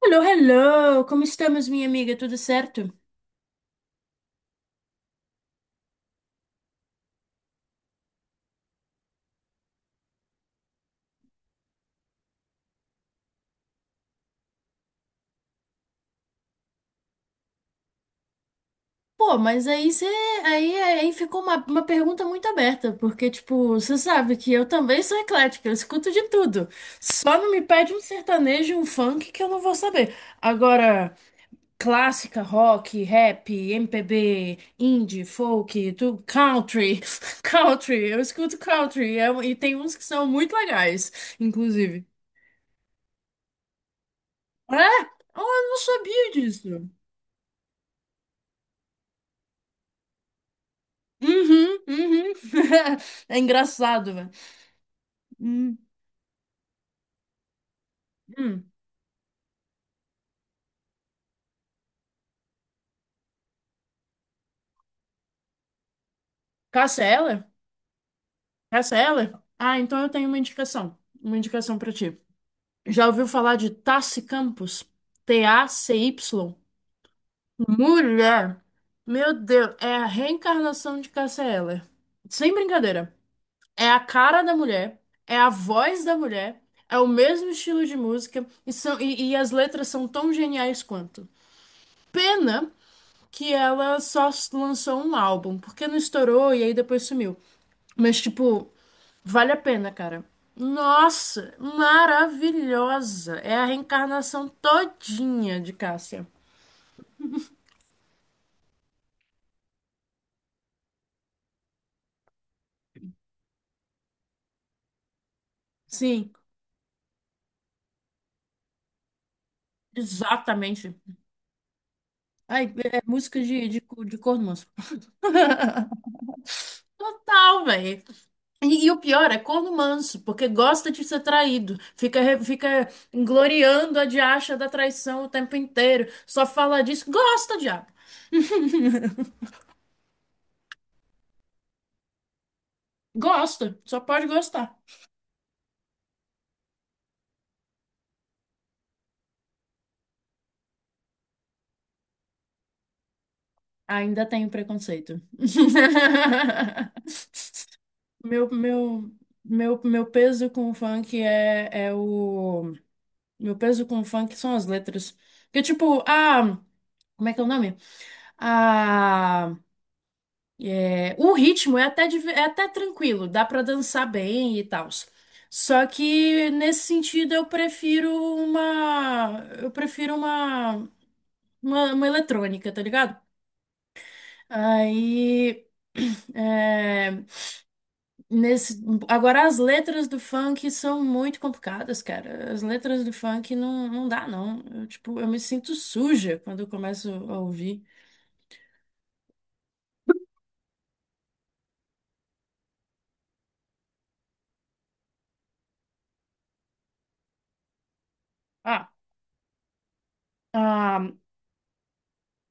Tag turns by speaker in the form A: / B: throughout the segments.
A: Hello, hello! Como estamos, minha amiga? Tudo certo? Pô, mas aí você. Aí ficou uma pergunta muito aberta, porque, tipo, você sabe que eu também sou eclética, eu escuto de tudo. Só não me pede um sertanejo, e um funk que eu não vou saber. Agora, clássica, rock, rap, MPB, indie, folk, tu, country. Country, eu escuto country, e tem uns que são muito legais, inclusive. É? Oh, eu não sabia disso. Uhum, uhum. É engraçado, velho. Hum, hum. Cancela? Cancela? Ah, então eu tenho uma indicação. Uma indicação pra ti. Já ouviu falar de Taci Campos? Tacy? Mulher! Meu Deus, é a reencarnação de Cássia Eller. Sem brincadeira. É a cara da mulher, é a voz da mulher, é o mesmo estilo de música e as letras são tão geniais quanto. Pena que ela só lançou um álbum, porque não estourou e aí depois sumiu. Mas, tipo, vale a pena, cara. Nossa, maravilhosa! É a reencarnação todinha de Cássia. Sim, exatamente. Ai, é música de corno manso. Total, velho. E o pior é corno manso, porque gosta de ser traído. Fica gloriando a diacha da traição o tempo inteiro. Só fala disso. Gosta, diabo. Gosta, só pode gostar. Ainda tenho preconceito. Meu, meu, meu peso com o funk é, é o. Meu peso com o funk são as letras. Porque, tipo, a. Como é que é o nome? A. O ritmo é até tranquilo, dá pra dançar bem e tal. Só que, nesse sentido, eu prefiro uma eletrônica, tá ligado? Aí, é, nesse, agora as letras do funk são muito complicadas, cara. As letras do funk não dá, não. Tipo, eu me sinto suja quando eu começo a ouvir. Ah, a,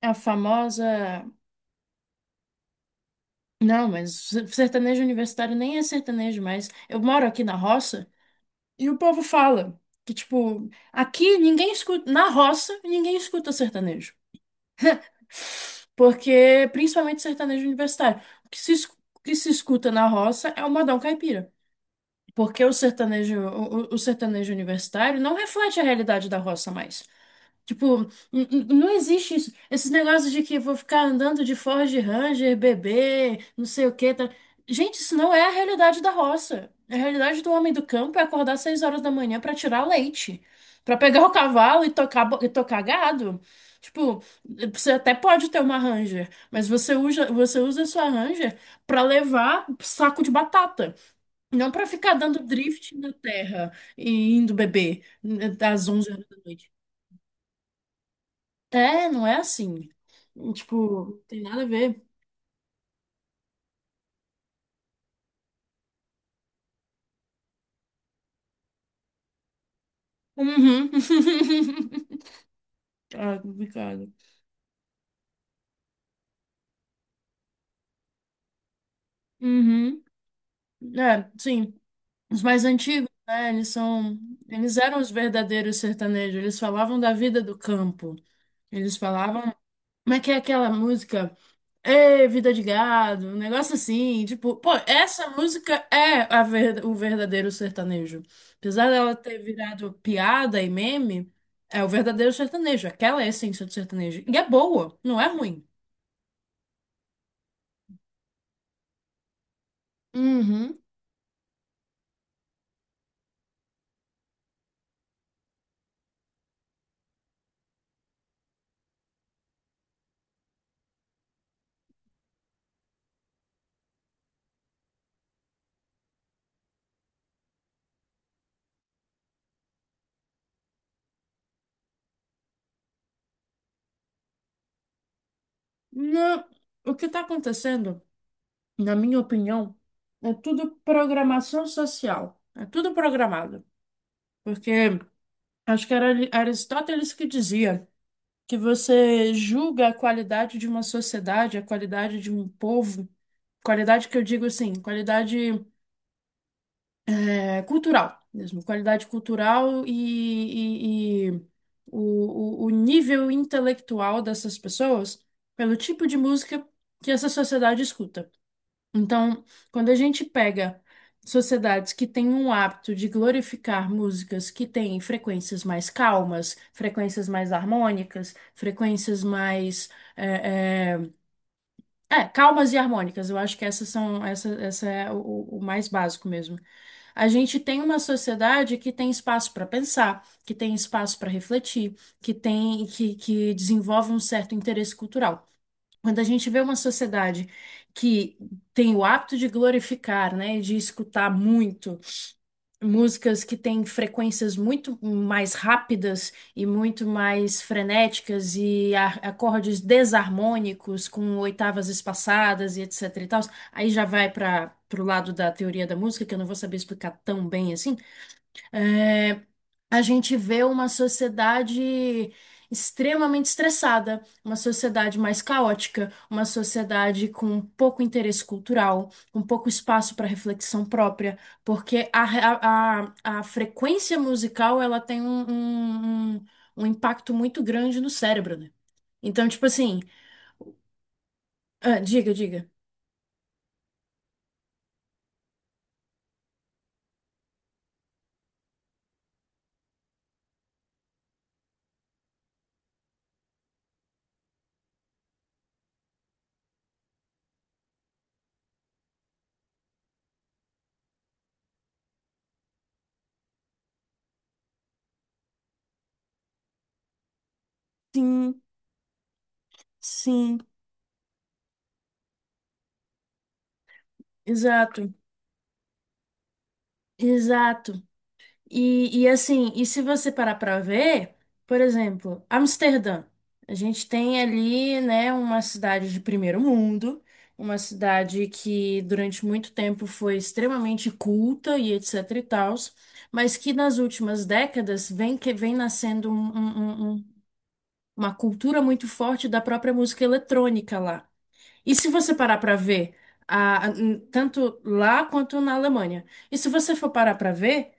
A: a famosa. Não, mas sertanejo universitário nem é sertanejo mais. Eu moro aqui na roça e o povo fala que, tipo, aqui ninguém escuta. Na roça, ninguém escuta sertanejo. Porque, principalmente sertanejo universitário, o que se escuta na roça é o modão caipira. Porque o sertanejo universitário não reflete a realidade da roça mais. Tipo, não existe isso. Esses negócios de que vou ficar andando de Ford Ranger, bebê, não sei o que Tá... Gente, isso não é a realidade da roça. A realidade do homem do campo é acordar às 6 horas da manhã pra tirar leite, pra pegar o cavalo e tocar gado. Tipo, você até pode ter uma Ranger, mas você usa a sua Ranger pra levar saco de batata, não pra ficar dando drift na terra e indo beber, né, às 11 horas da noite. É, não é assim. Tipo, não tem nada a ver. Uhum. Ah, complicado. Uhum. É, sim. Os mais antigos, né? Eles são. Eles eram os verdadeiros sertanejos. Eles falavam da vida do campo. Eles falavam. Como é que é aquela música? Ê, vida de gado, um negócio assim, tipo, pô, essa música é o verdadeiro sertanejo. Apesar dela ter virado piada e meme, é o verdadeiro sertanejo, aquela é a essência do sertanejo. E é boa, não é ruim. Uhum. Não, o que está acontecendo, na minha opinião, é tudo programação social. É tudo programado. Porque acho que era Aristóteles que dizia, que você julga a qualidade de uma sociedade, a qualidade de um povo, qualidade que eu digo assim, qualidade é, cultural mesmo, qualidade cultural e o nível intelectual dessas pessoas pelo tipo de música que essa sociedade escuta. Então, quando a gente pega sociedades que têm um hábito de glorificar músicas que têm frequências mais calmas, frequências mais harmônicas, frequências mais é, é, calmas e harmônicas, eu acho que essa é o mais básico mesmo. A gente tem uma sociedade que tem espaço para pensar, que tem espaço para refletir, que desenvolve um certo interesse cultural. Quando a gente vê uma sociedade que tem o hábito de glorificar, né, e de escutar muito músicas que têm frequências muito mais rápidas e muito mais frenéticas e acordes desarmônicos com oitavas espaçadas e etc e tal, aí já vai para pro lado da teoria da música, que eu não vou saber explicar tão bem assim. é, a gente vê uma sociedade extremamente estressada, uma sociedade mais caótica, uma sociedade com pouco interesse cultural, com pouco espaço para reflexão própria, porque a, re- a frequência musical ela tem um impacto muito grande no cérebro, né? Então, tipo assim, ah, diga, diga. Sim, sim, exato, exato. E assim, e se você parar para ver, por exemplo, Amsterdã. A gente tem ali, né, uma cidade de primeiro mundo, uma cidade que durante muito tempo foi extremamente culta e etc e tals, mas que nas últimas décadas vem que vem nascendo uma cultura muito forte da própria música eletrônica lá. E se você parar para ver, a- a- tanto lá quanto na Alemanha. E se você for parar para ver.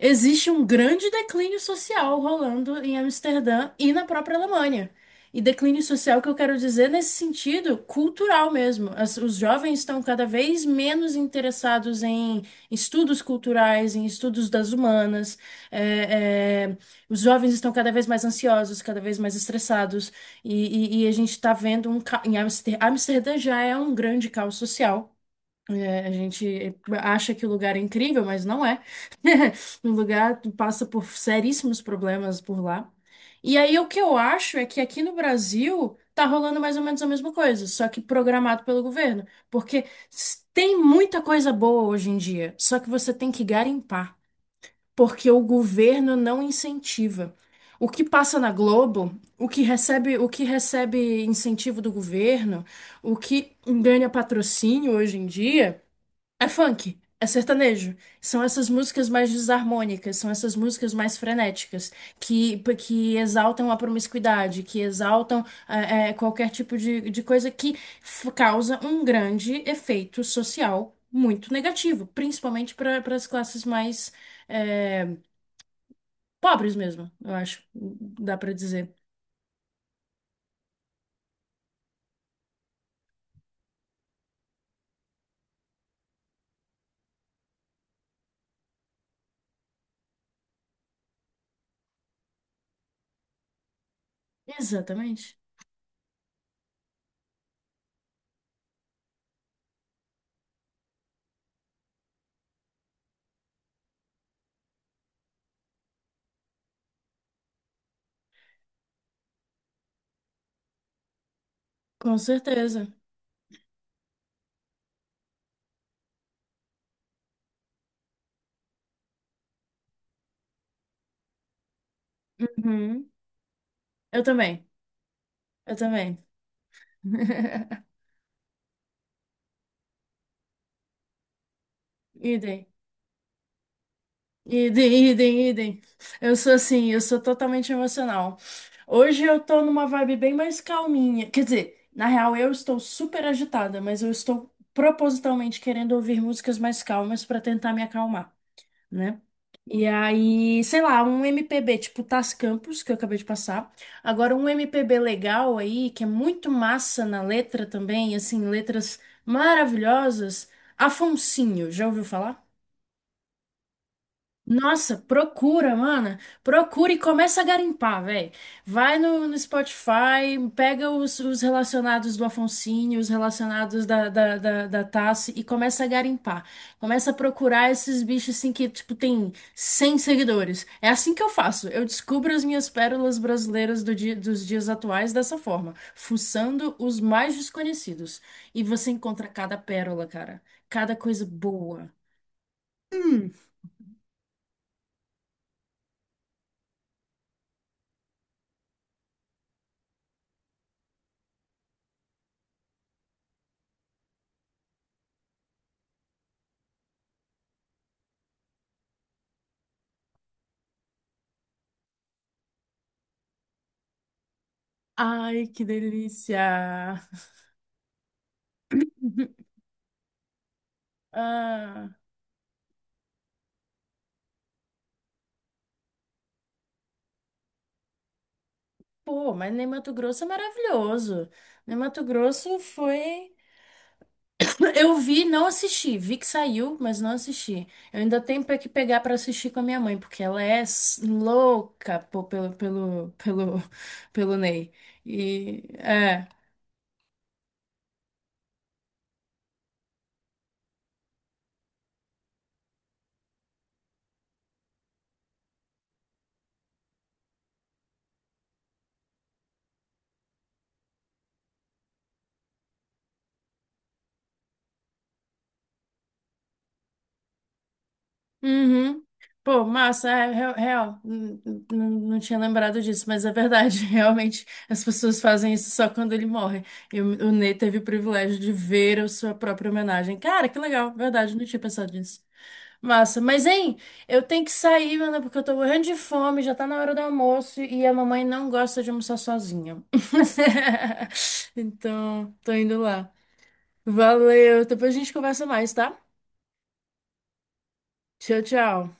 A: Existe um grande declínio social rolando em Amsterdã e na própria Alemanha. E declínio social que eu quero dizer nesse sentido cultural mesmo. Os jovens estão cada vez menos interessados em estudos culturais, em estudos das humanas. É, é, os jovens estão cada vez mais ansiosos, cada vez mais estressados. E a gente está vendo. Amsterdã já é um grande caos social. A gente acha que o lugar é incrível, mas não é. O lugar passa por seríssimos problemas por lá. E aí o que eu acho é que aqui no Brasil tá rolando mais ou menos a mesma coisa, só que programado pelo governo, porque tem muita coisa boa hoje em dia, só que você tem que garimpar, porque o governo não incentiva. O que passa na Globo, o que recebe incentivo do governo, o que ganha patrocínio hoje em dia é funk, é sertanejo. São essas músicas mais desarmônicas, são essas músicas mais frenéticas, que exaltam a promiscuidade, que exaltam qualquer tipo de coisa que causa um grande efeito social muito negativo, principalmente para as classes mais eh, pobres mesmo, eu acho, dá para dizer. Exatamente, com certeza. Uhum. Eu também, eu também. Idem. Idem, idem, idem. Eu sou assim, eu sou totalmente emocional. Hoje eu tô numa vibe bem mais calminha. Quer dizer, na real eu estou super agitada, mas eu estou propositalmente querendo ouvir músicas mais calmas pra tentar me acalmar, né? E aí, sei lá, um MPB tipo Tás Campos, que eu acabei de passar. Agora um MPB legal aí, que é muito massa na letra também, assim, letras maravilhosas. Afonsinho, já ouviu falar? Nossa, procura, mana. Procura e começa a garimpar, velho. Vai no Spotify, pega os relacionados do Afonsinho, os relacionados da Tassi e começa a garimpar. Começa a procurar esses bichos assim que, tipo, tem 100 seguidores. É assim que eu faço. Eu descubro as minhas pérolas brasileiras dos dias atuais dessa forma, fuçando os mais desconhecidos. E você encontra cada pérola, cara. Cada coisa boa. Ai, que delícia! Ah, pô, mas nem Mato Grosso é maravilhoso. Nem Mato Grosso foi. Eu vi, não assisti. Vi que saiu, mas não assisti. Eu ainda tenho pra que pegar pra assistir com a minha mãe, porque ela é louca pô, pelo Ney. E é. Uhum. Pô, massa, é real, real. Não tinha lembrado disso, mas é verdade. Realmente, as pessoas fazem isso só quando ele morre. E o Ney teve o privilégio de ver a sua própria homenagem. Cara, que legal, verdade, não tinha pensado nisso. Massa, mas hein, eu tenho que sair, mano, porque eu tô morrendo de fome, já tá na hora do almoço e a mamãe não gosta de almoçar sozinha. Então, tô indo lá. Valeu, depois a gente conversa mais, tá? Tchau, tchau.